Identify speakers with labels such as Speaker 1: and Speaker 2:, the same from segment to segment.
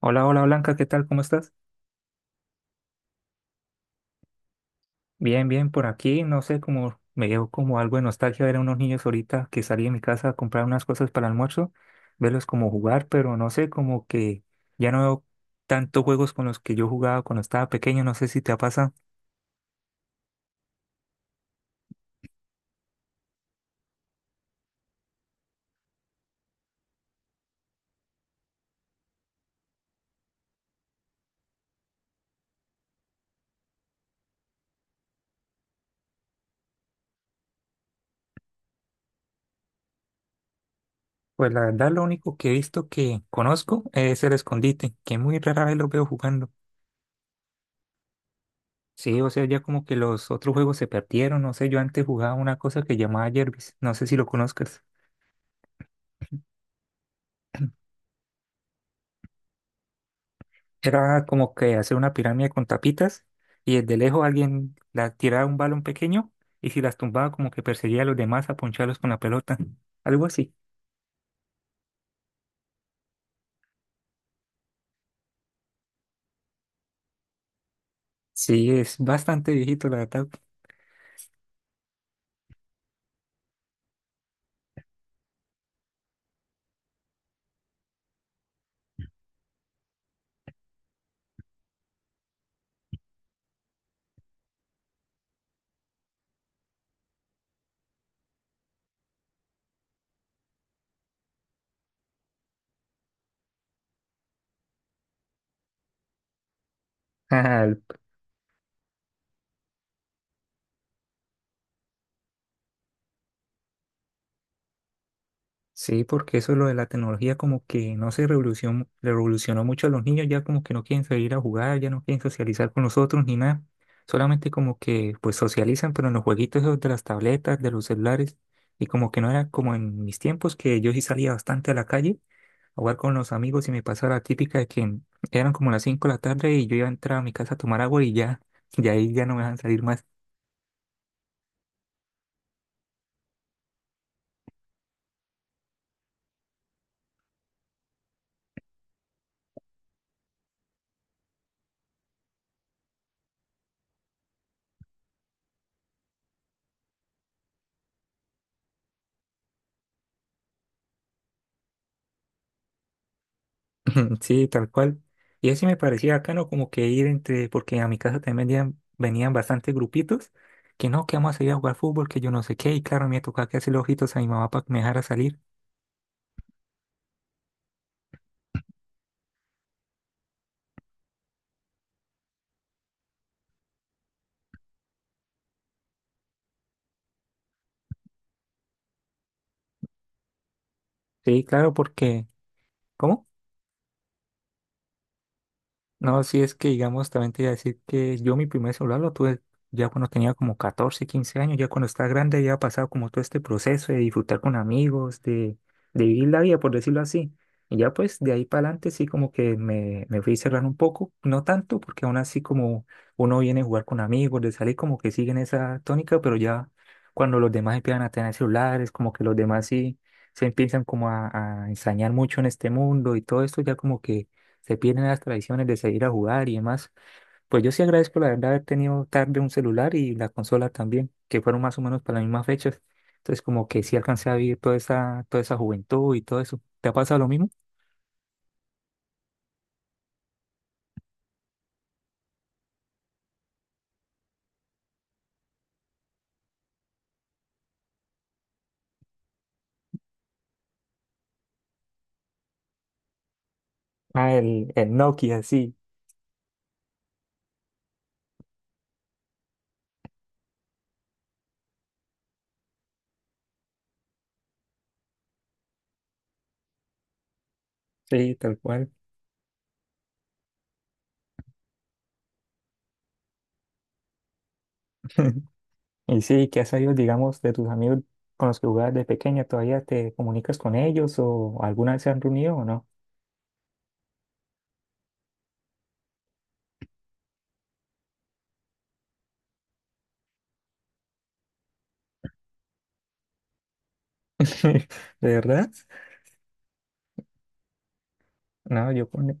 Speaker 1: Hola, hola Blanca, ¿qué tal? ¿Cómo estás? Bien, bien, por aquí, no sé, como me dio como algo de nostalgia ver a unos niños ahorita que salí de mi casa a comprar unas cosas para el almuerzo, verlos como jugar, pero no sé, como que ya no veo tantos juegos con los que yo jugaba cuando estaba pequeño, no sé si te ha pasado. Pues la verdad, lo único que he visto que conozco es el escondite, que muy rara vez lo veo jugando. Sí, o sea, ya como que los otros juegos se perdieron, no sé, yo antes jugaba una cosa que llamaba Jervis, no sé si lo conozcas. Era como que hacer una pirámide con tapitas y desde lejos alguien la tiraba un balón pequeño y si las tumbaba como que perseguía a los demás a poncharlos con la pelota. Algo así. Sí, es bastante viejito la verdad. Ah. Sí, porque eso lo de la tecnología como que no se revolucionó mucho a los niños, ya como que no quieren salir a jugar, ya no quieren socializar con nosotros ni nada. Solamente como que pues socializan, pero en los jueguitos esos de las tabletas, de los celulares, y como que no era como en mis tiempos que yo sí salía bastante a la calle jugar con los amigos y me pasaba la típica de que eran como las 5 de la tarde y yo iba a entrar a mi casa a tomar agua y ya, y ahí ya no me dejan salir más. Sí, tal cual. Y así me parecía bacano como que ir entre, porque a mi casa también venían, bastantes grupitos, que no, que vamos a ir a jugar fútbol, que yo no sé qué, y claro, me tocaba que hacerle ojitos a mi mamá para que me dejara salir. Sí, claro, porque... ¿Cómo? No, sí es que, digamos, también te iba a decir que yo mi primer celular lo tuve ya cuando tenía como 14, 15 años, ya cuando estaba grande ya ha pasado como todo este proceso de disfrutar con amigos, de vivir la vida, por decirlo así. Y ya pues de ahí para adelante sí como que me fui cerrando un poco, no tanto, porque aún así como uno viene a jugar con amigos, de salir como que siguen esa tónica, pero ya cuando los demás empiezan a tener celulares, como que los demás sí se empiezan como a ensañar mucho en este mundo y todo esto ya como que se pierden las tradiciones de seguir a jugar y demás. Pues yo sí agradezco la verdad haber tenido tarde un celular y la consola también, que fueron más o menos para las mismas fechas. Entonces como que sí alcancé a vivir toda esa juventud y todo eso. ¿Te ha pasado lo mismo? Ah, el Nokia, sí, sí, tal cual. Y sí, ¿qué has sabido, digamos, de tus amigos con los que jugabas de pequeña? ¿Todavía te comunicas con ellos o alguna vez se han reunido o no? ¿De verdad? No, yo con.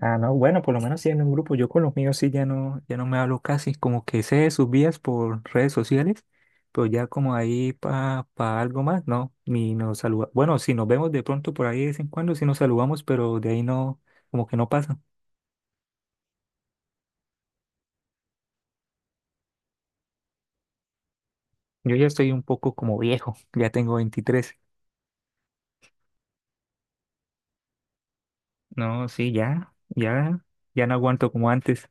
Speaker 1: Ah, no, bueno, por lo menos sí en un grupo. Yo con los míos sí ya no, ya no me hablo casi, como que sé de sus vías por redes sociales, pero ya como ahí para algo más, no, ni nos saluda. Bueno, si nos vemos de pronto por ahí de vez en cuando, sí nos saludamos, pero de ahí no, como que no pasa. Yo ya estoy un poco como viejo, ya tengo 23. No, sí, ya, ya, ya no aguanto como antes,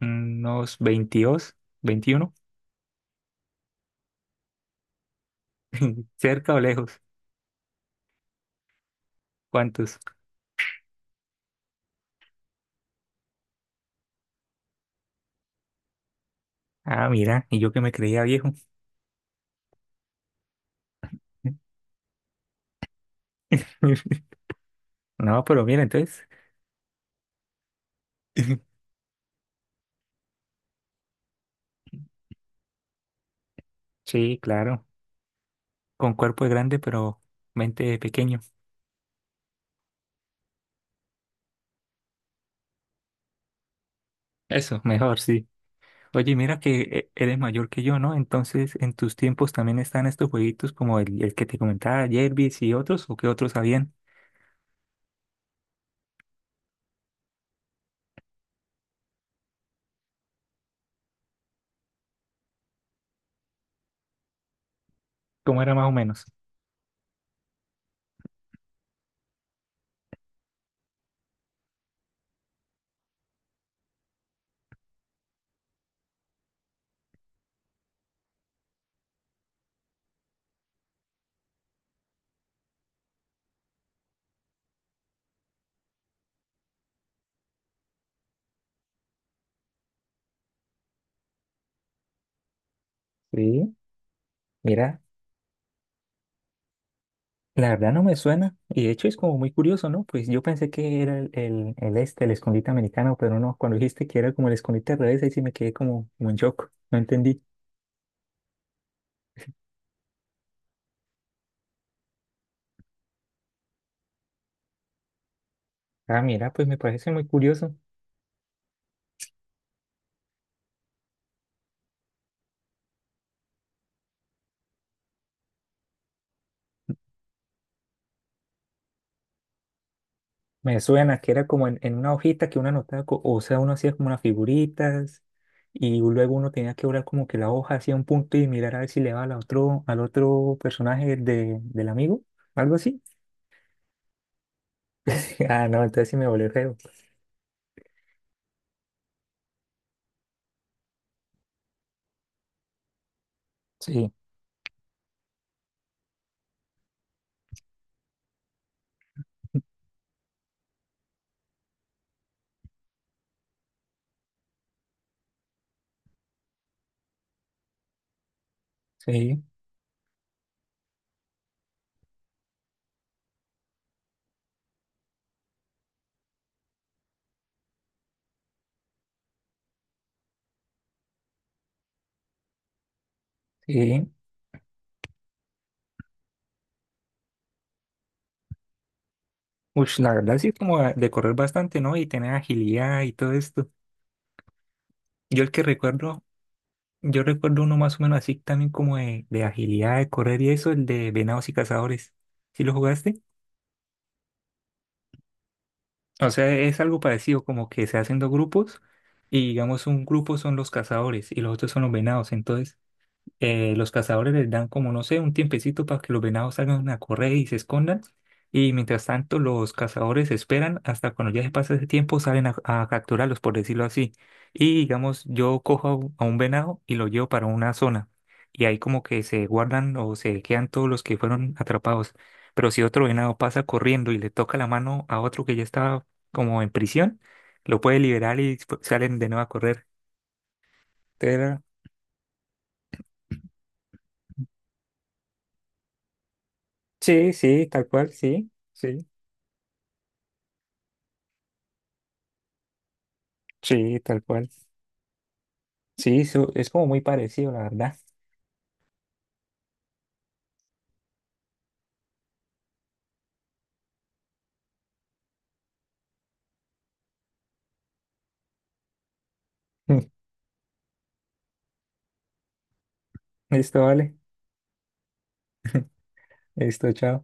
Speaker 1: mm, unos 22, 21. ¿Cerca o lejos? ¿Cuántos? Ah, mira, y yo que me creía viejo. No, pero bien, entonces. Sí, claro. Con cuerpo grande, pero mente pequeño. Eso, mejor, sí. Oye, mira que e- eres mayor que yo, ¿no? Entonces, ¿en tus tiempos también están estos jueguitos como el que te comentaba, Jervis y otros? ¿O qué otros habían? ¿Cómo era más o menos? Sí, mira, la verdad no me suena. Y de hecho es como muy curioso, ¿no? Pues yo pensé que era el este, el escondite americano, pero no, cuando dijiste que era como el escondite al revés, ahí sí me quedé como, como en shock. No entendí. Ah, mira, pues me parece muy curioso. Me suena que era como en una hojita que uno anotaba, co- o sea, uno hacía como unas figuritas y luego uno tenía que doblar como que la hoja hacía un punto y mirar a ver si le daba al otro personaje de, del amigo, algo así. Ah, no, entonces sí me volvió feo. Sí, sí, sí. Uy, la verdad sí como a- de correr bastante, ¿no? Y tener agilidad y todo esto. Yo el que recuerdo, yo recuerdo uno más o menos así también como de agilidad, de correr y eso, el de venados y cazadores. ¿Sí lo jugaste? O sea, es algo parecido como que se hacen dos grupos y digamos un grupo son los cazadores y los otros son los venados. Entonces, los cazadores les dan como, no sé, un tiempecito para que los venados salgan a correr y se escondan. Y mientras tanto, los cazadores esperan hasta cuando ya se pasa ese tiempo, salen a capturarlos, por decirlo así. Y digamos, yo cojo a un venado y lo llevo para una zona. Y ahí como que se guardan o se quedan todos los que fueron atrapados. Pero si otro venado pasa corriendo y le toca la mano a otro que ya estaba como en prisión, lo puede liberar y salen de nuevo a correr. Entonces era- Sí, sí, tal cual, sí, sí. Sí, tal cual. Sí, su- es como muy parecido, la verdad. Esto vale. Esto chao.